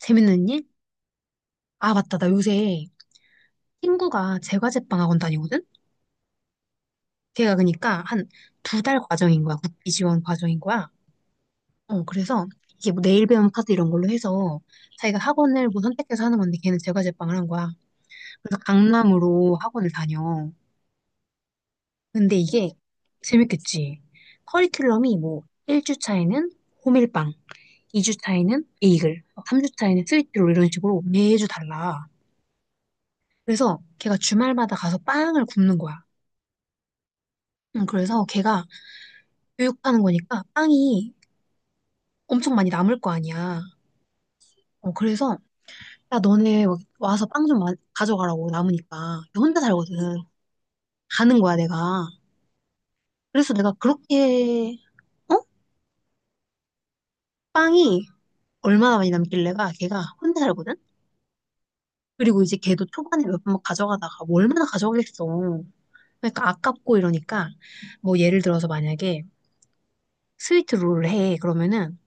재밌는 일? 아, 맞다. 나 요새 친구가 제과제빵 학원 다니거든? 걔가 그러니까 한 두 달 과정인 거야. 국비 지원 과정인 거야. 어, 그래서 이게 뭐 내일 배움 카드 이런 걸로 해서 자기가 학원을 뭐 선택해서 하는 건데 걔는 제과제빵을 한 거야. 그래서 강남으로 학원을 다녀. 근데 이게 재밌겠지. 커리큘럼이 뭐 1주 차에는 호밀빵, 2주 차에는 베이글, 3주 차에는 스위트롤 이런 식으로 매주 달라. 그래서 걔가 주말마다 가서 빵을 굽는 거야. 그래서 걔가 교육하는 거니까 빵이 엄청 많이 남을 거 아니야. 어, 그래서 야 너네 와서 빵 좀 가져가라고 남으니까 걔 혼자 살거든. 가는 거야 내가. 그래서 내가 그렇게 어? 빵이 얼마나 많이 남길래가 걔가 혼자 살거든. 그리고 이제 걔도 초반에 몇 번 가져가다가 뭐 얼마나 가져가겠어. 그러니까 아깝고 이러니까 뭐 예를 들어서 만약에 스위트 롤을 해 그러면은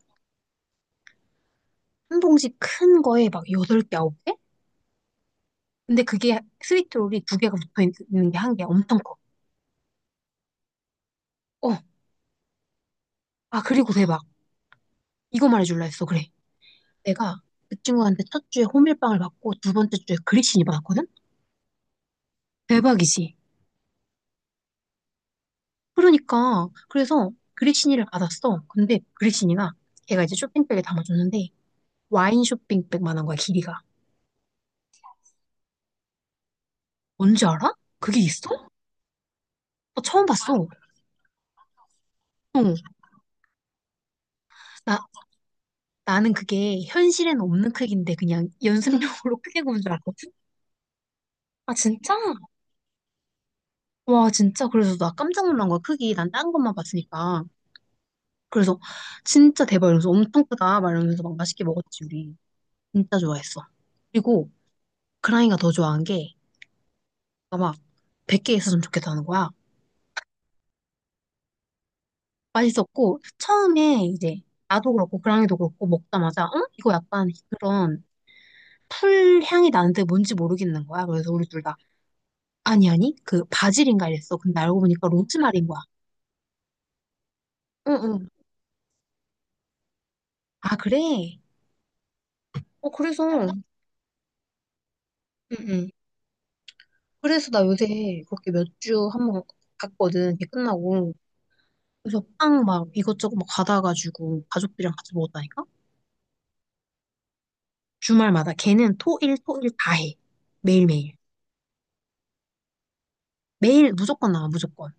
한 봉지 큰 거에 막 여덟 개 아홉 개 근데 그게 스위트롤이 두 개가 붙어 있는 게 한 개 엄청 커. 어, 아, 그리고 대박. 이거 말해줄라 했어. 그래. 내가 그 친구한테 첫 주에 호밀빵을 받고 두 번째 주에 그리시니 받았거든? 대박이지. 그러니까, 그래서 그리시니를 받았어. 근데 그리시니가 걔가 이제 쇼핑백에 담아줬는데 와인 쇼핑백만한 거야, 길이가. 뭔지 알아? 그게 있어? 나 처음 봤어. 어, 나, 나는 그게 현실에는 없는 크기인데 그냥 연습용으로 크게 구운 줄 알았거든? 아, 진짜? 와, 진짜. 그래서 나 깜짝 놀란 거야. 크기. 난 딴 것만 봤으니까. 그래서 진짜 대박 이러면서 엄청 크다. 막 이러면서 막 맛있게 먹었지, 우리. 진짜 좋아했어. 그리고 그랑이가 더 좋아한 게 아마 100개 있었으면 좋겠다는 거야. 맛있었고, 처음에 이제 나도 그렇고 그랑이도 그렇고 먹자마자, 응? 이거 약간 그런 풀 향이 나는데 뭔지 모르겠는 거야. 그래서 우리 둘 다, 아니, 아니, 그 바질인가 이랬어. 근데 알고 보니까 로즈마리인 거야. 응, 응. 아, 그래? 어, 그래서, 응, 응. 그래서 나 요새 그렇게 몇 주 한 번 갔거든. 이게 끝나고. 그래서 빵 막 이것저것 막 받아가지고 가족들이랑 같이 먹었다니까? 주말마다. 걔는 토, 일, 토, 일 다 해. 매일매일. 매일 무조건 나와, 무조건.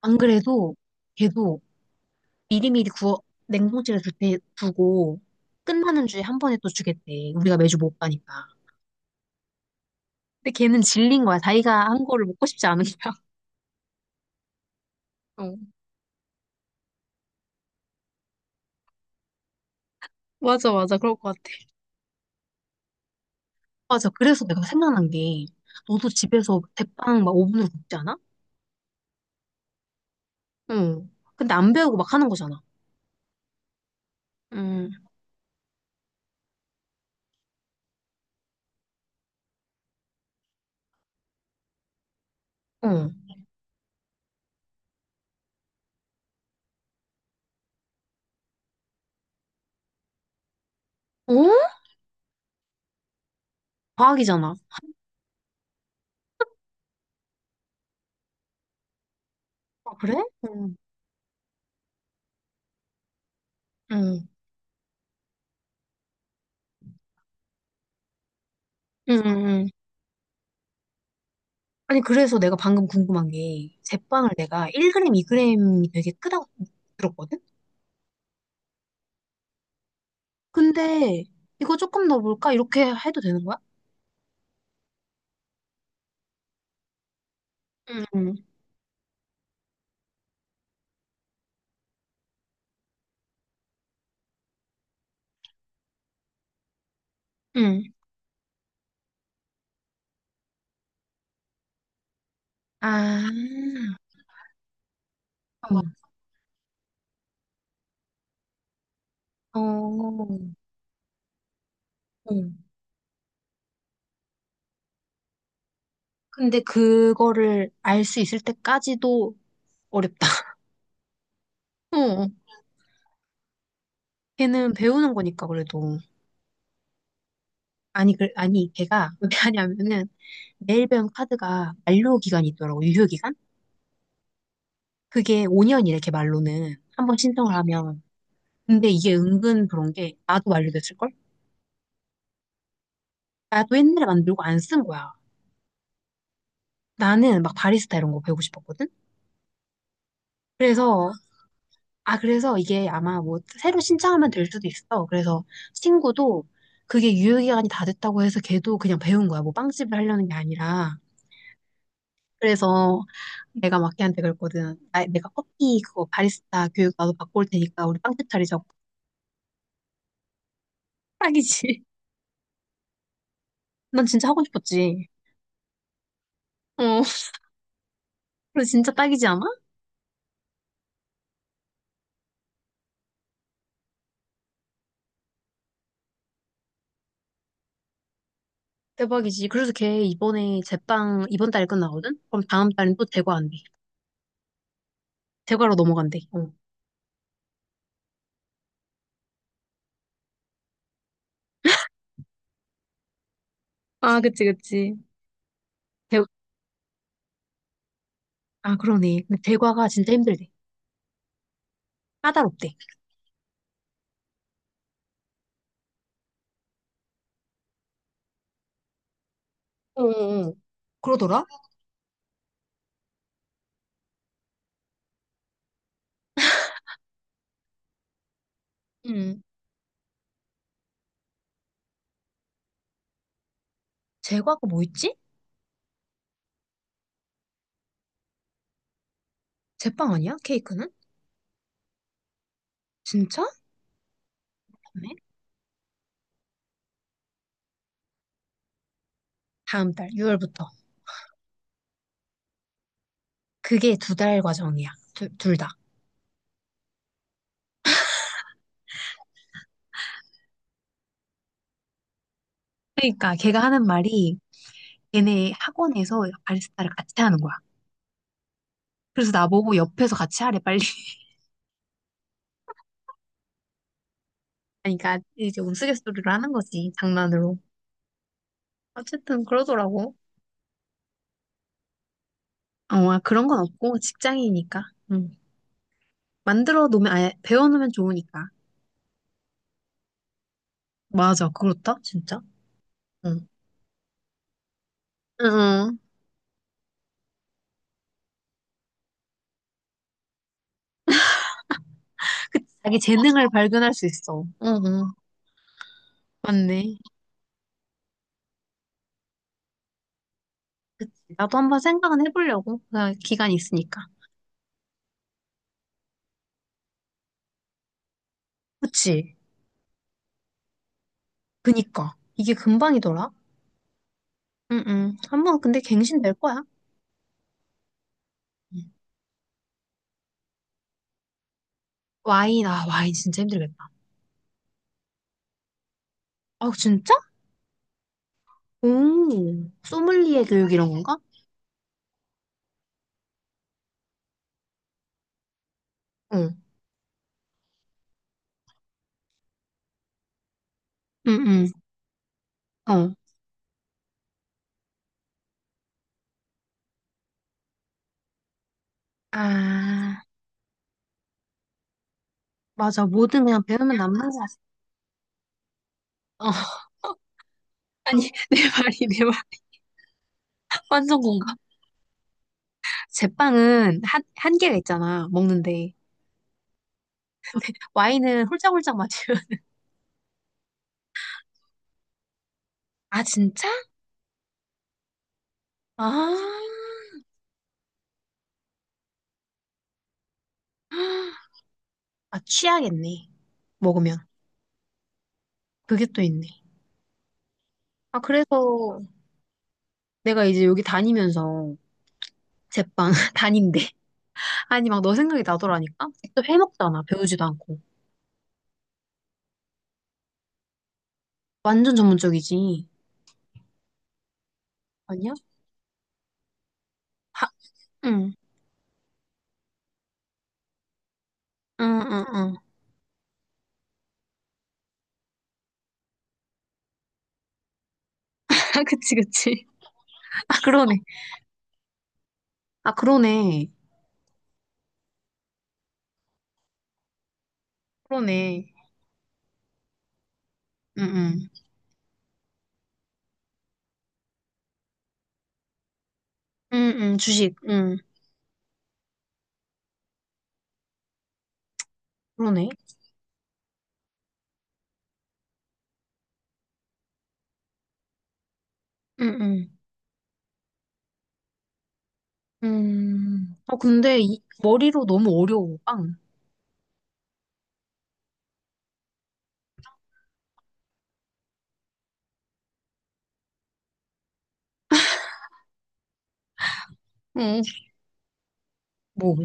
안 그래도 걔도 미리미리 구워, 냉동실에 둘 때 두고 끝나는 주에 한 번에 또 주겠대. 우리가 매주 못 가니까. 근데 걔는 질린 거야. 자기가 한 거를 먹고 싶지 않은 거야. 어, 맞아, 맞아. 그럴 것 같아. 맞아. 그래서 내가 생각난 게, 너도 집에서 대빵 막 오븐으로 굽지 않아? 응. 근데 안 배우고 막 하는 거잖아. 응 응. 어? 과학이잖아. 아, 그래? 응. 응. 응, 응, 응. 아니, 그래서 내가 방금 궁금한 게, 제빵을 내가 1g, 2g이 되게 크다고 들었거든? 근데, 이거 조금 어 볼까? 이렇게 해도 되는 거야? 응, 응. 응. 아, 응. 어, 어. 응. 근데 그거를 알 수 있을 때까지도 어렵다. 어, 어. 걔는 배우는 거니까 그래도 아니 그 아니 걔가 왜 하냐면은 내일 배운 카드가 만료 기간이 있더라고 유효 기간 그게 5년이래 걔 말로는 한 번 신청을 하면 근데 이게 은근 그런 게 나도 만료됐을 걸 나도 옛날에 만들고 안 쓴 거야 나는 막 바리스타 이런 거 배우고 싶었거든 그래서 아 그래서 이게 아마 뭐 새로 신청하면 될 수도 있어 그래서 친구도 그게 유효 기간이 다 됐다고 해서 걔도 그냥 배운 거야 뭐 빵집을 하려는 게 아니라 그래서 내가 마키한테 그랬거든. 나, 내가 커피 그거 바리스타 교육 나도 받고 올 테니까 우리 빵집 차리자고. 딱이지. 난 진짜 하고 싶었지. 어, 그래 진짜 딱이지 않아? 대박이지. 그래서 걔 이번에 제빵 이번 달에 끝나거든? 그럼 다음 달엔 또 대과 한대. 대과로 넘어간대. 어. 아, 그치, 그치. 대, 아, 그러네. 근데 대과가 진짜 힘들대. 까다롭대. 어어어. 그러더라? 응. 제과가 뭐 있지? 제빵 아니야? 케이크는? 진짜? 다음에? 다음 달, 6월부터. 그게 두 달 과정이야. 둘 다. 그러니까 걔가 하는 말이 걔네 학원에서 바리스타를 같이 하는 거야. 그래서 나보고 옆에서 같이 하래 빨리. 그러니까 이제 우스갯소리를 하는 거지, 장난으로. 어쨌든 그러더라고. 어, 그런 건 없고 직장이니까. 응. 만들어 놓으면 아예 배워 놓으면 좋으니까. 맞아, 그렇다. 진짜? 응. 응, 응. 그 자기 재능을 발견할 수 있어. 응, 응, 응. 맞네. 나도 한번 생각은 해보려고. 그냥 기간이 있으니까. 그치? 그니까 이게 금방이더라. 응응. 한번 근데 갱신될 거야. 응. 와인, 아, 와인 진짜 힘들겠다. 아 진짜? 오, 소믈리에 교육 이런 건가? 응, 응응. 어. 아 맞아. 뭐든 그냥 배우면 남는 거야 어. 아니, 내 말이, 내 말. 완전 공감. 제빵은 한계가 있잖아. 먹는데. 와인은 홀짝홀짝 마시면. 아, 진짜? 아, 아 취하겠네. 먹으면 그게 또 있네. 아 그래서 내가 이제 여기 다니면서 제빵 다닌데 아니 막 너 생각이 나더라니까 또 해먹잖아 배우지도 않고 완전 전문적이지 아니야? 하, 응, 응, 응, 응. 아, 그치, 그치. 아, 그러네. 아, 그러네. 그러네. 응, 응. 응, 응, 주식. 응, 그러네. 응, 응. 어, 근데 이, 머리로 너무 어려워, 빵. 응. 뭐.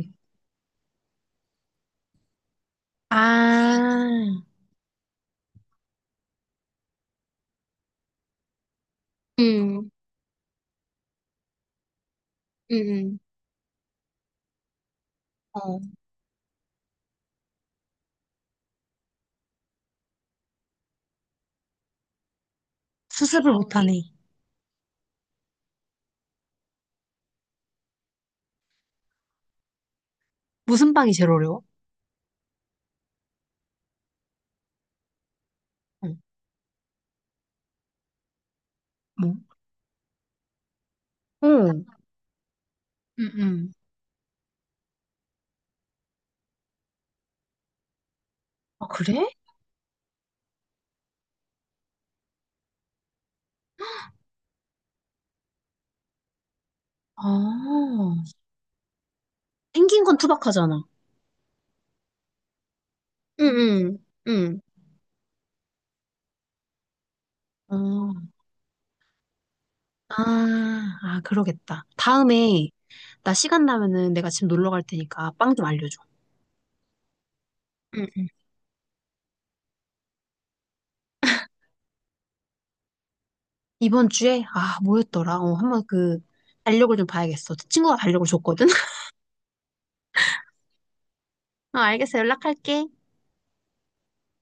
아, 응. 응. 응. 어, 수습을 못하네. 무슨 빵이 제일 어려워? 응. 뭐. 응. 응, 응. 아, 그래? 아, 생긴 건 투박하잖아. 응, 응, 응. 어, 아, 아, 그러겠다. 다음에, 나 시간 나면은 내가 집 놀러 갈 테니까 빵 좀 알려줘. 응. 응. 이번 주에, 아, 뭐였더라? 어, 한번 그, 달력을 좀 봐야겠어. 친구가 달력을 줬거든? 어, 알겠어. 연락할게.